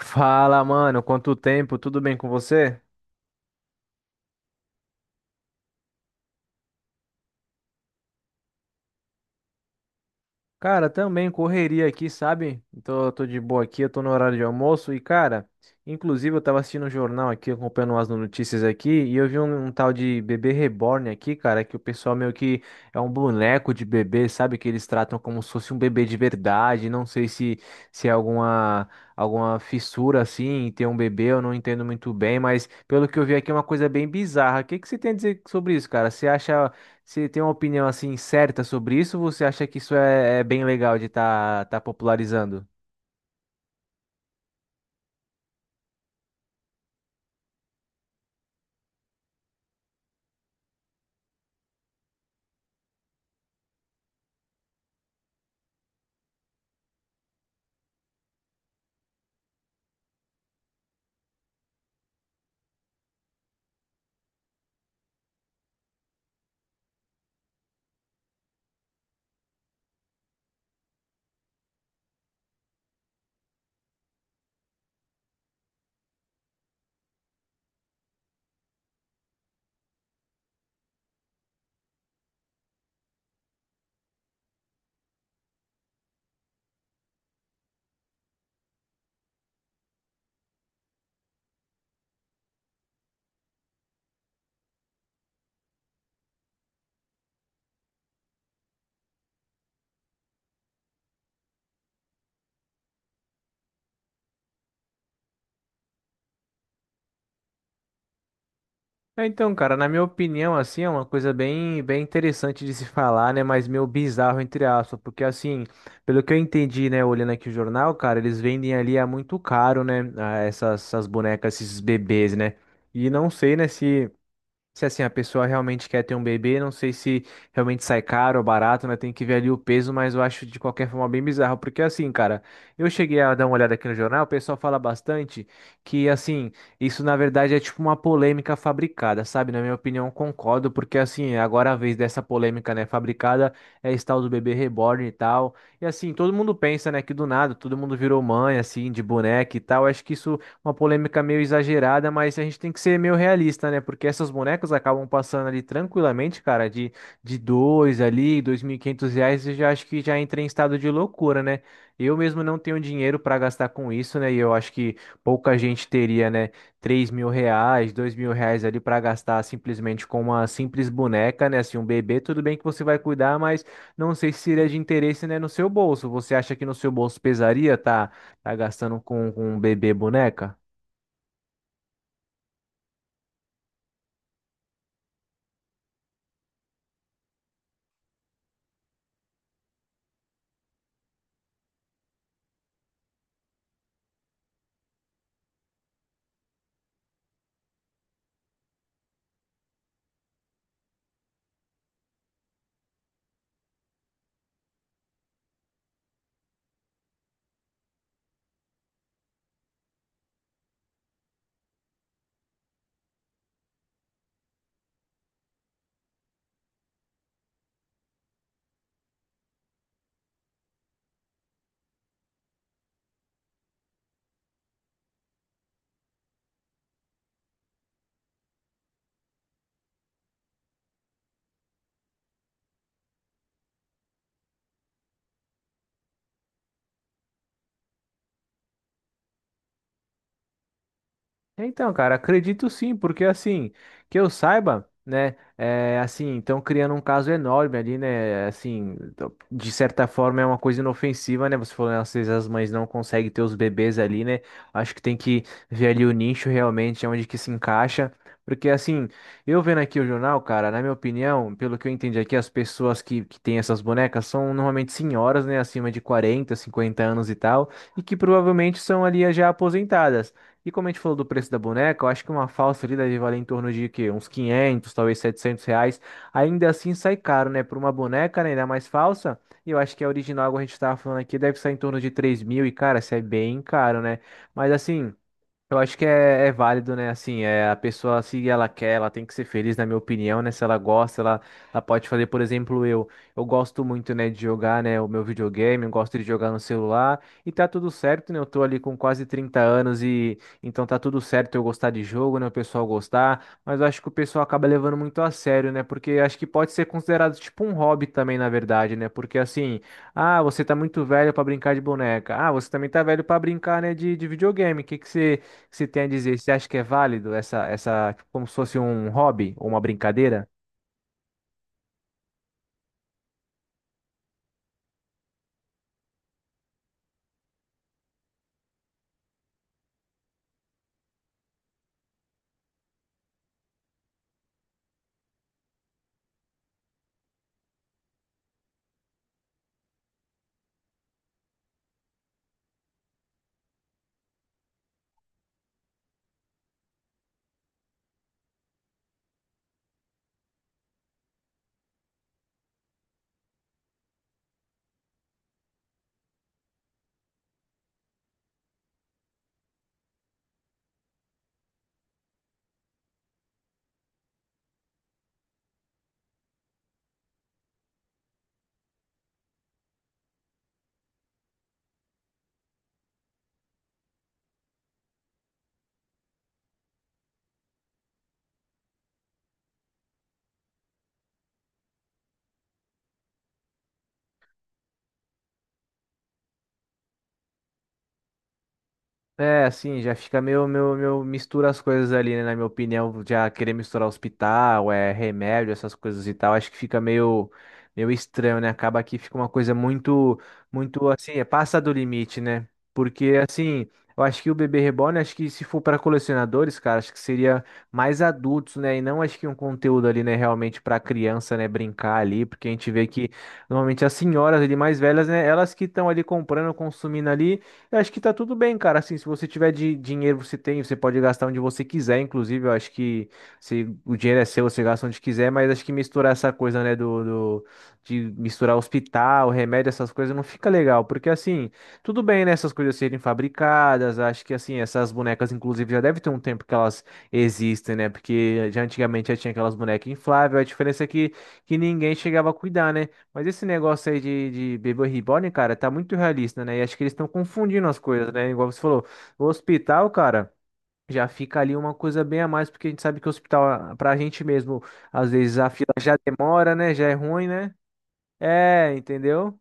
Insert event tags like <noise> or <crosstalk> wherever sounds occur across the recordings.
Fala, mano, quanto tempo? Tudo bem com você? Cara, também correria aqui, sabe? Tô de boa aqui, eu tô no horário de almoço e, cara, inclusive eu tava assistindo o jornal aqui, acompanhando as notícias aqui, e eu vi um tal de bebê reborn aqui, cara, que o pessoal meio que é um boneco de bebê, sabe? Que eles tratam como se fosse um bebê de verdade, não sei se é alguma fissura assim em ter um bebê, eu não entendo muito bem, mas pelo que eu vi aqui é uma coisa bem bizarra. O que que você tem a dizer sobre isso, cara? Você acha. Você tem uma opinião assim certa sobre isso? Ou você acha que isso é, é bem legal de estar tá popularizando? É, então, cara, na minha opinião, assim, é uma coisa bem, bem interessante de se <laughs> falar, né? Mas meio bizarro, entre aspas, porque assim, pelo que eu entendi, né, olhando aqui o jornal, cara, eles vendem ali a muito caro, né? a Essas, essas bonecas, esses bebês, né? E não sei, né, se se assim a pessoa realmente quer ter um bebê, não sei se realmente sai caro ou barato, né? Tem que ver ali o peso, mas eu acho de qualquer forma bem bizarro, porque assim, cara, eu cheguei a dar uma olhada aqui no jornal, o pessoal fala bastante que assim, isso na verdade é tipo uma polêmica fabricada, sabe? Na minha opinião, concordo, porque assim, agora a vez dessa polêmica, né, fabricada é esse tal do bebê reborn e tal. E assim, todo mundo pensa, né, que do nada todo mundo virou mãe assim, de boneca e tal. Acho que isso uma polêmica meio exagerada, mas a gente tem que ser meio realista, né? Porque essas bonecas acabam passando ali tranquilamente, cara, de dois ali, 2.500 reais, eu já acho que já entra em estado de loucura, né? Eu mesmo não tenho dinheiro para gastar com isso, né? E eu acho que pouca gente teria, né, 3.000 reais, 2.000 reais ali para gastar simplesmente com uma simples boneca, né? Assim, um bebê, tudo bem que você vai cuidar, mas não sei se seria de interesse, né, no seu bolso. Você acha que no seu bolso pesaria, tá? Tá gastando com um bebê boneca? É, então, cara, acredito sim, porque assim, que eu saiba, né, é, assim, estão criando um caso enorme ali, né, assim, de certa forma é uma coisa inofensiva, né, você falou, né, às vezes as mães não conseguem ter os bebês ali, né, acho que tem que ver ali o nicho realmente, onde que se encaixa, porque assim, eu vendo aqui o jornal, cara, na minha opinião, pelo que eu entendi aqui, as pessoas que têm essas bonecas são normalmente senhoras, né, acima de 40, 50 anos e tal, e que provavelmente são ali já aposentadas. E como a gente falou do preço da boneca, eu acho que uma falsa ali deve valer em torno de quê? Uns 500, talvez 700 reais. Ainda assim sai caro, né? Por uma boneca, né? Ainda mais falsa. E eu acho que a original, como a gente estava falando aqui, deve sair em torno de 3 mil. E, cara, isso é bem caro, né? Mas assim. Eu acho que é, é válido, né? Assim, é a pessoa, se ela quer, ela tem que ser feliz, na minha opinião, né? Se ela gosta, ela pode fazer, por exemplo, eu gosto muito, né, de jogar, né, o meu videogame, eu gosto de jogar no celular, e tá tudo certo, né? Eu tô ali com quase 30 anos e então tá tudo certo eu gostar de jogo, né? O pessoal gostar, mas eu acho que o pessoal acaba levando muito a sério, né? Porque acho que pode ser considerado tipo um hobby também, na verdade, né? Porque assim, ah, você tá muito velho pra brincar de boneca. Ah, você também tá velho pra brincar, né, de videogame. O que você tem a dizer? Você acha que é válido essa, essa, tipo, como se fosse um hobby ou uma brincadeira? É, assim, já fica meio mistura as coisas ali, né? Na minha opinião, já querer misturar hospital, é remédio, essas coisas e tal, acho que fica meio, meio estranho, né? Acaba que fica uma coisa muito, muito assim, é passa do limite, né? Porque assim, eu acho que o bebê reborn, acho que se for para colecionadores, cara, acho que seria mais adultos, né? E não acho que um conteúdo ali, né, realmente para criança, né, brincar ali, porque a gente vê que normalmente as senhoras ali mais velhas, né, elas que estão ali comprando, consumindo ali eu acho que tá tudo bem, cara. Assim, se você tiver de dinheiro, você tem, você pode gastar onde você quiser. Inclusive, eu acho que se o dinheiro é seu, você gasta onde quiser. Mas acho que misturar essa coisa, né, de misturar hospital, remédio, essas coisas não fica legal, porque assim, tudo bem, né, essas coisas serem fabricadas. Acho que assim, essas bonecas, inclusive, já deve ter um tempo que elas existem, né? Porque já antigamente já tinha aquelas bonecas infláveis. A diferença é que ninguém chegava a cuidar, né? Mas esse negócio aí de bebê reborn, cara, tá muito realista, né? E acho que eles estão confundindo as coisas, né? Igual você falou, o hospital, cara, já fica ali uma coisa bem a mais, porque a gente sabe que o hospital, ah, pra gente mesmo, às vezes a fila já demora, né? Já é ruim, né? É, entendeu?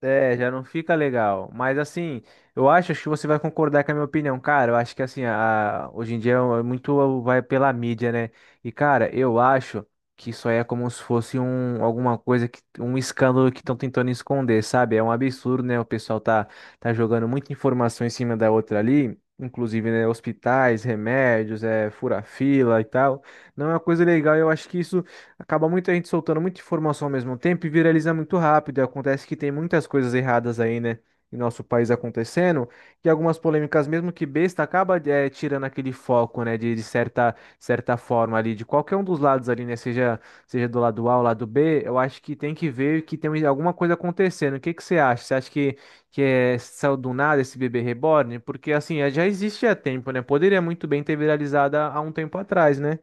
É, já não fica legal. Mas assim, eu acho, acho que você vai concordar com a minha opinião, cara. Eu acho que assim, hoje em dia é muito vai pela mídia, né? E cara, eu acho que isso aí é como se fosse um alguma coisa que um escândalo que estão tentando esconder, sabe? É um absurdo, né? O pessoal tá jogando muita informação em cima da outra ali. Inclusive, né, hospitais, remédios, é, fura-fila e tal. Não é uma coisa legal. Eu acho que isso acaba muita gente soltando muita informação ao mesmo tempo e viraliza muito rápido. E acontece que tem muitas coisas erradas aí, né? Em nosso país acontecendo, e algumas polêmicas, mesmo que besta, acaba tirando aquele foco, né? De certa, certa forma ali, de qualquer um dos lados ali, né? Seja, seja do lado A ou lado B, eu acho que tem que ver que tem alguma coisa acontecendo. O que que você acha? Você acha que é, saiu do nada esse bebê reborn? Porque assim, já existe há tempo, né? Poderia muito bem ter viralizado há um tempo atrás, né?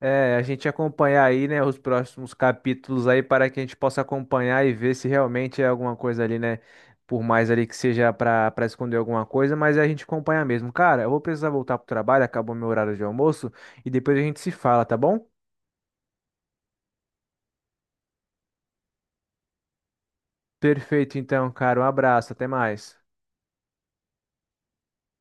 É, a gente acompanhar aí, né, os próximos capítulos aí para que a gente possa acompanhar e ver se realmente é alguma coisa ali, né, por mais ali que seja para para esconder alguma coisa, mas a gente acompanha mesmo. Cara, eu vou precisar voltar pro trabalho, acabou meu horário de almoço e depois a gente se fala, tá bom? Perfeito, então, cara, um abraço, até mais.